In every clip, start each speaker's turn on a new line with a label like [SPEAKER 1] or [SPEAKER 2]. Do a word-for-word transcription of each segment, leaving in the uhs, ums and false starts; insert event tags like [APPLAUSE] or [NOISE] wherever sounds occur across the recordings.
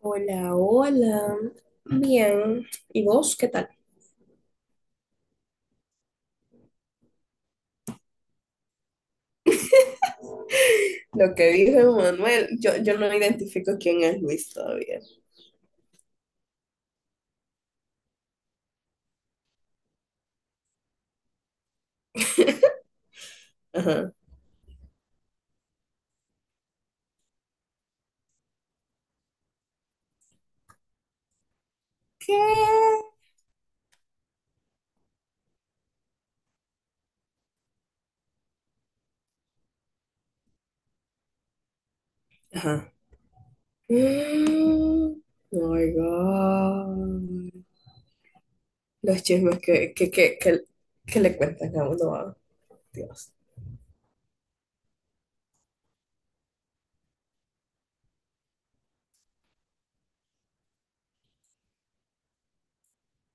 [SPEAKER 1] Hola, hola. Bien. ¿Y vos qué tal? Lo que dijo Manuel, yo, yo no identifico quién es Luis todavía. Ajá. ¿Qué? Ajá. Mm, Oh my God. Los chismes que, que, que, que, que le cuentan a uno. Ah, Dios.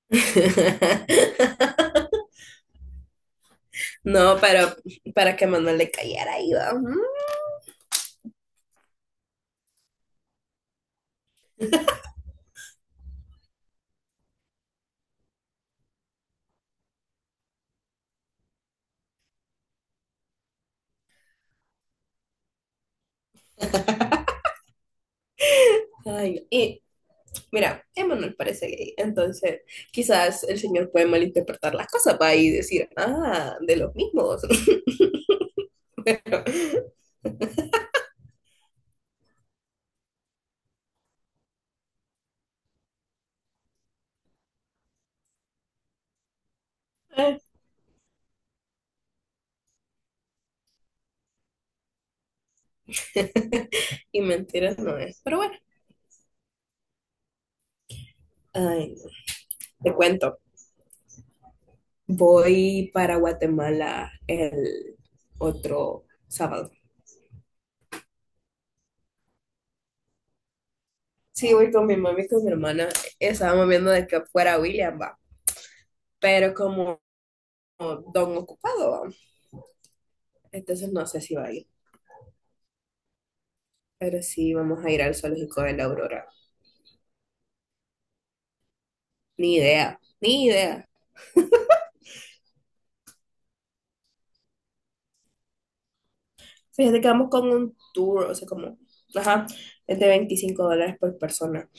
[SPEAKER 1] [LAUGHS] No, pero para que Manuel le cayera ahí, va. Mm. [LAUGHS] Ay, y, mira, Emanuel parece gay, entonces quizás el señor puede malinterpretar las cosas para y decir, ah, de los mismos. [LAUGHS] Pero, ay, [LAUGHS] y mentiras no es. Pero bueno, ay, no. Te cuento, voy para Guatemala el otro sábado. Sí, voy con mi mami y con mi hermana. Estábamos viendo de que fuera William, va. Pero como don ocupado, va, entonces no sé si va a ir. Pero sí, vamos a ir al zoológico de la Aurora. Ni idea, ni idea. Fíjate que vamos con un tour, o sea, como, ajá, es de veinticinco dólares por persona.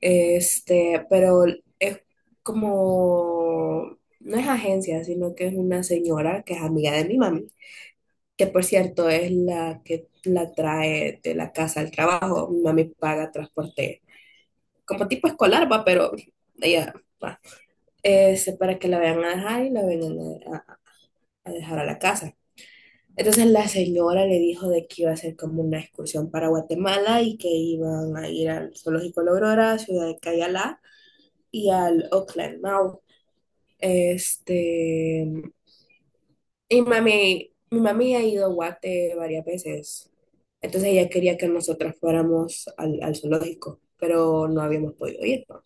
[SPEAKER 1] Este, pero es como, no es agencia, sino que es una señora que es amiga de mi mami, que por cierto es la que la trae de la casa al trabajo. Mi mami paga transporte, como tipo escolar, va, pero ella va. Este, para que la vayan a dejar y la vengan a a a dejar a la casa. Entonces la señora le dijo de que iba a hacer como una excursión para Guatemala y que iban a ir al Zoológico La Aurora, Ciudad de Cayalá y al Oakland Mall. Este, y mami, mi mami ha ido a Guate varias veces. Entonces ella quería que nosotras fuéramos al, al zoológico, pero no habíamos podido ir, ¿no?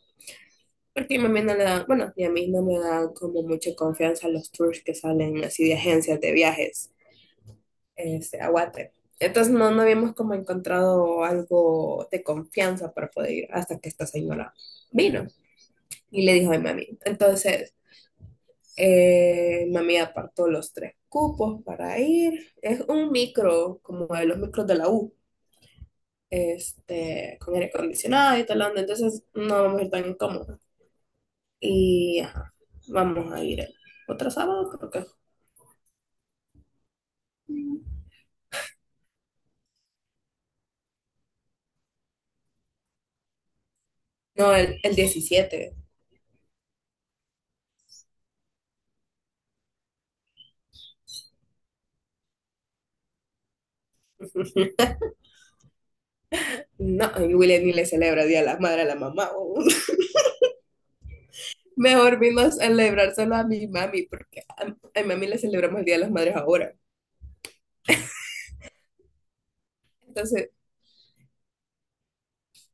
[SPEAKER 1] Porque mi mami no le da, bueno, y a mí no me da como mucha confianza los tours que salen así de agencias de viajes. Este, Aguate. Entonces no, no habíamos como encontrado algo de confianza para poder ir hasta que esta señora vino y le dijo a mami. Entonces, eh, mami apartó los tres cupos para ir. Es un micro, como de los micros de la U, este, con aire acondicionado y tal, onda, entonces no vamos a ir tan incómodos. Y ajá, vamos a ir el otro sábado, creo que. No, el, el diecisiete. No, y William ni le celebra el Día de la Madre a la Mamá. Oh. Mejor vino a celebrárselo a mi mami, porque a, a mi mami le celebramos el Día de las Madres ahora. Entonces,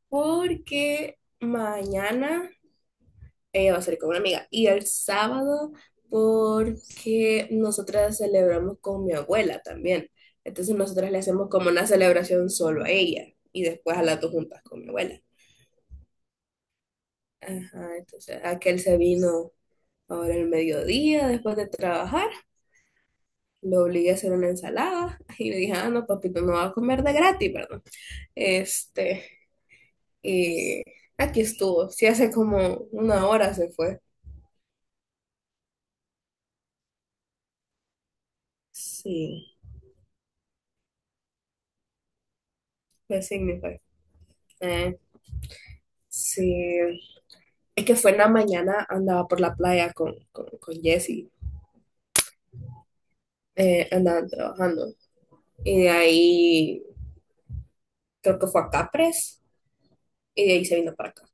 [SPEAKER 1] porque mañana ella va a salir con una amiga y el sábado porque nosotras celebramos con mi abuela también. Entonces, nosotras le hacemos como una celebración solo a ella y después a las dos juntas con mi abuela. Ajá, entonces aquel se vino ahora el mediodía después de trabajar, lo obligué a hacer una ensalada y le dije, ah, no, papito, no va a comer de gratis, ¿verdad? Este, y aquí estuvo. Sí, hace como una hora se fue. Sí, fue así. Eh, sí, es que fue en la mañana, andaba por la playa con, con, con Jesse. Eh, andaban trabajando. Y de ahí creo que fue a Capres y de ahí se vino para acá.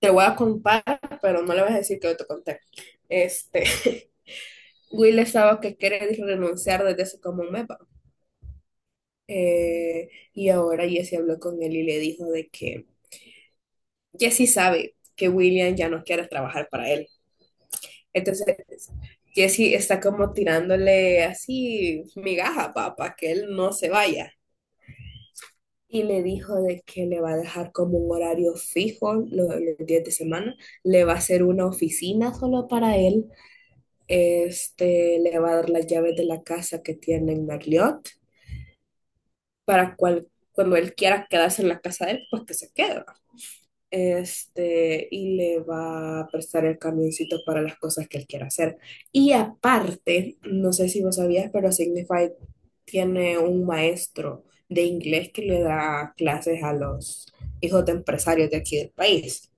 [SPEAKER 1] Te voy a contar, pero no le vas a decir que yo te conté. Este, [LAUGHS] Will estaba que quiere renunciar desde hace como un mes. Eh, y ahora Jesse habló con él y le dijo de que Jesse sabe que William ya no quiere trabajar para él. Entonces, Jesse está como tirándole así migaja para que él no se vaya. Y le dijo de que le va a dejar como un horario fijo lo- los, días de semana, le va a hacer una oficina solo para él, este, le va a dar las llaves de la casa que tiene en Marriott para cual, cuando él quiera quedarse en la casa de él, pues que se quede. este, y le va a prestar el camioncito para las cosas que él quiera hacer. Y aparte, no sé si vos sabías, pero Signify tiene un maestro de inglés que le da clases a los hijos de empresarios de aquí del país.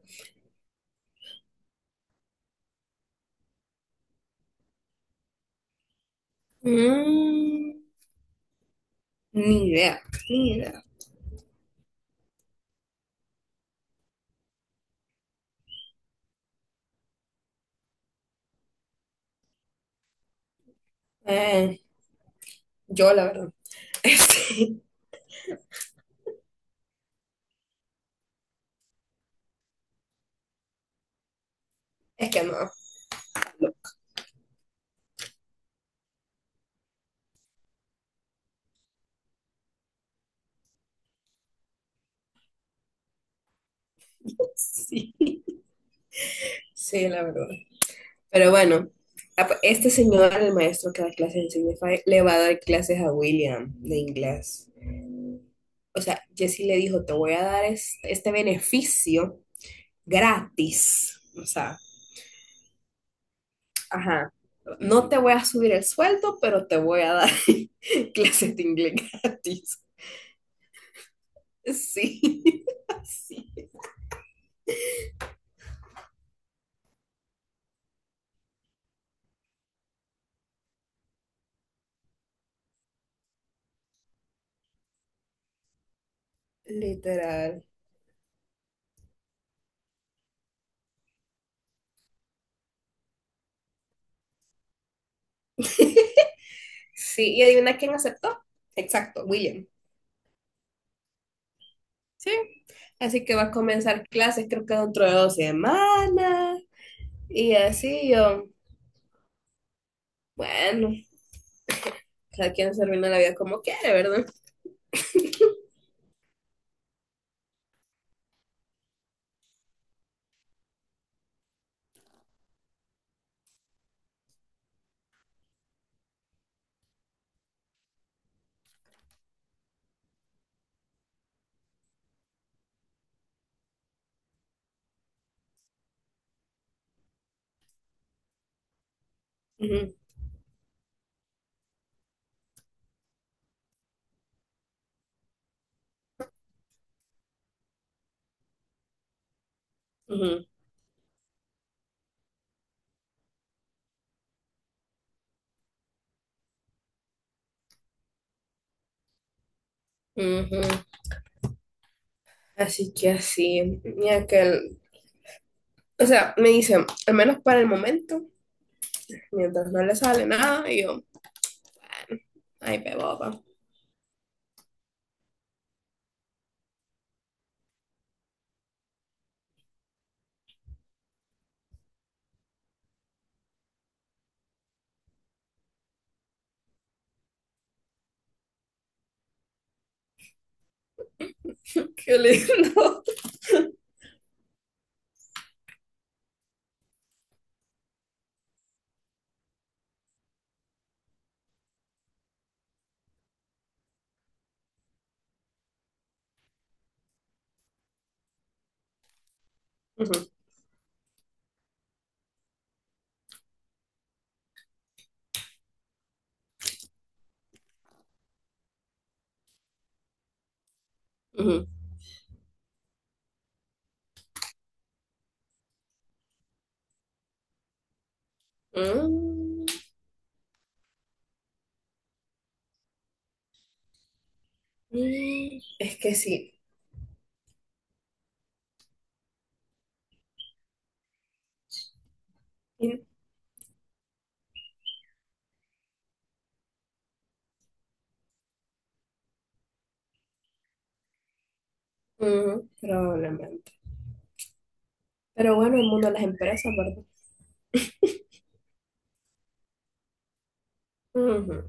[SPEAKER 1] Mm. Ni idea, ni idea. Eh, yo, la verdad, [LAUGHS] este, es que no. Sí, sí, la verdad. Pero bueno, ap- este señor, el maestro que da clases en Signify, le va a dar clases a William de inglés. O sea, Jesse le dijo, te voy a dar es- este beneficio gratis. O sea, ajá, no te voy a subir el sueldo, pero te voy a dar [LAUGHS] clases de inglés gratis. Sí, [LAUGHS] sí, literal. Sí, y adivina quién aceptó. Exacto, William. Sí. Así que va a comenzar clases, creo que dentro de dos semanas. Y así yo, bueno, cada quien se arruina la vida como quiere, ¿verdad? Ujú, ujú, ujú. Así que así, y aquel, o sea, me dice, al menos para el momento, mientras no le sale nada, y yo, ay, pe boba, [LAUGHS] qué lindo. Ujú, ujú. Mm, mm, es que sí. Y- ujú, probablemente. Pero bueno, el mundo de las empresas, ¿verdad? Ujú.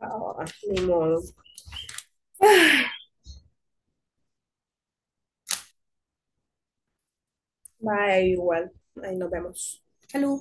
[SPEAKER 1] Ah, ni modo. [SIGHS] Bye, igual. Ahí nos vemos. Salud.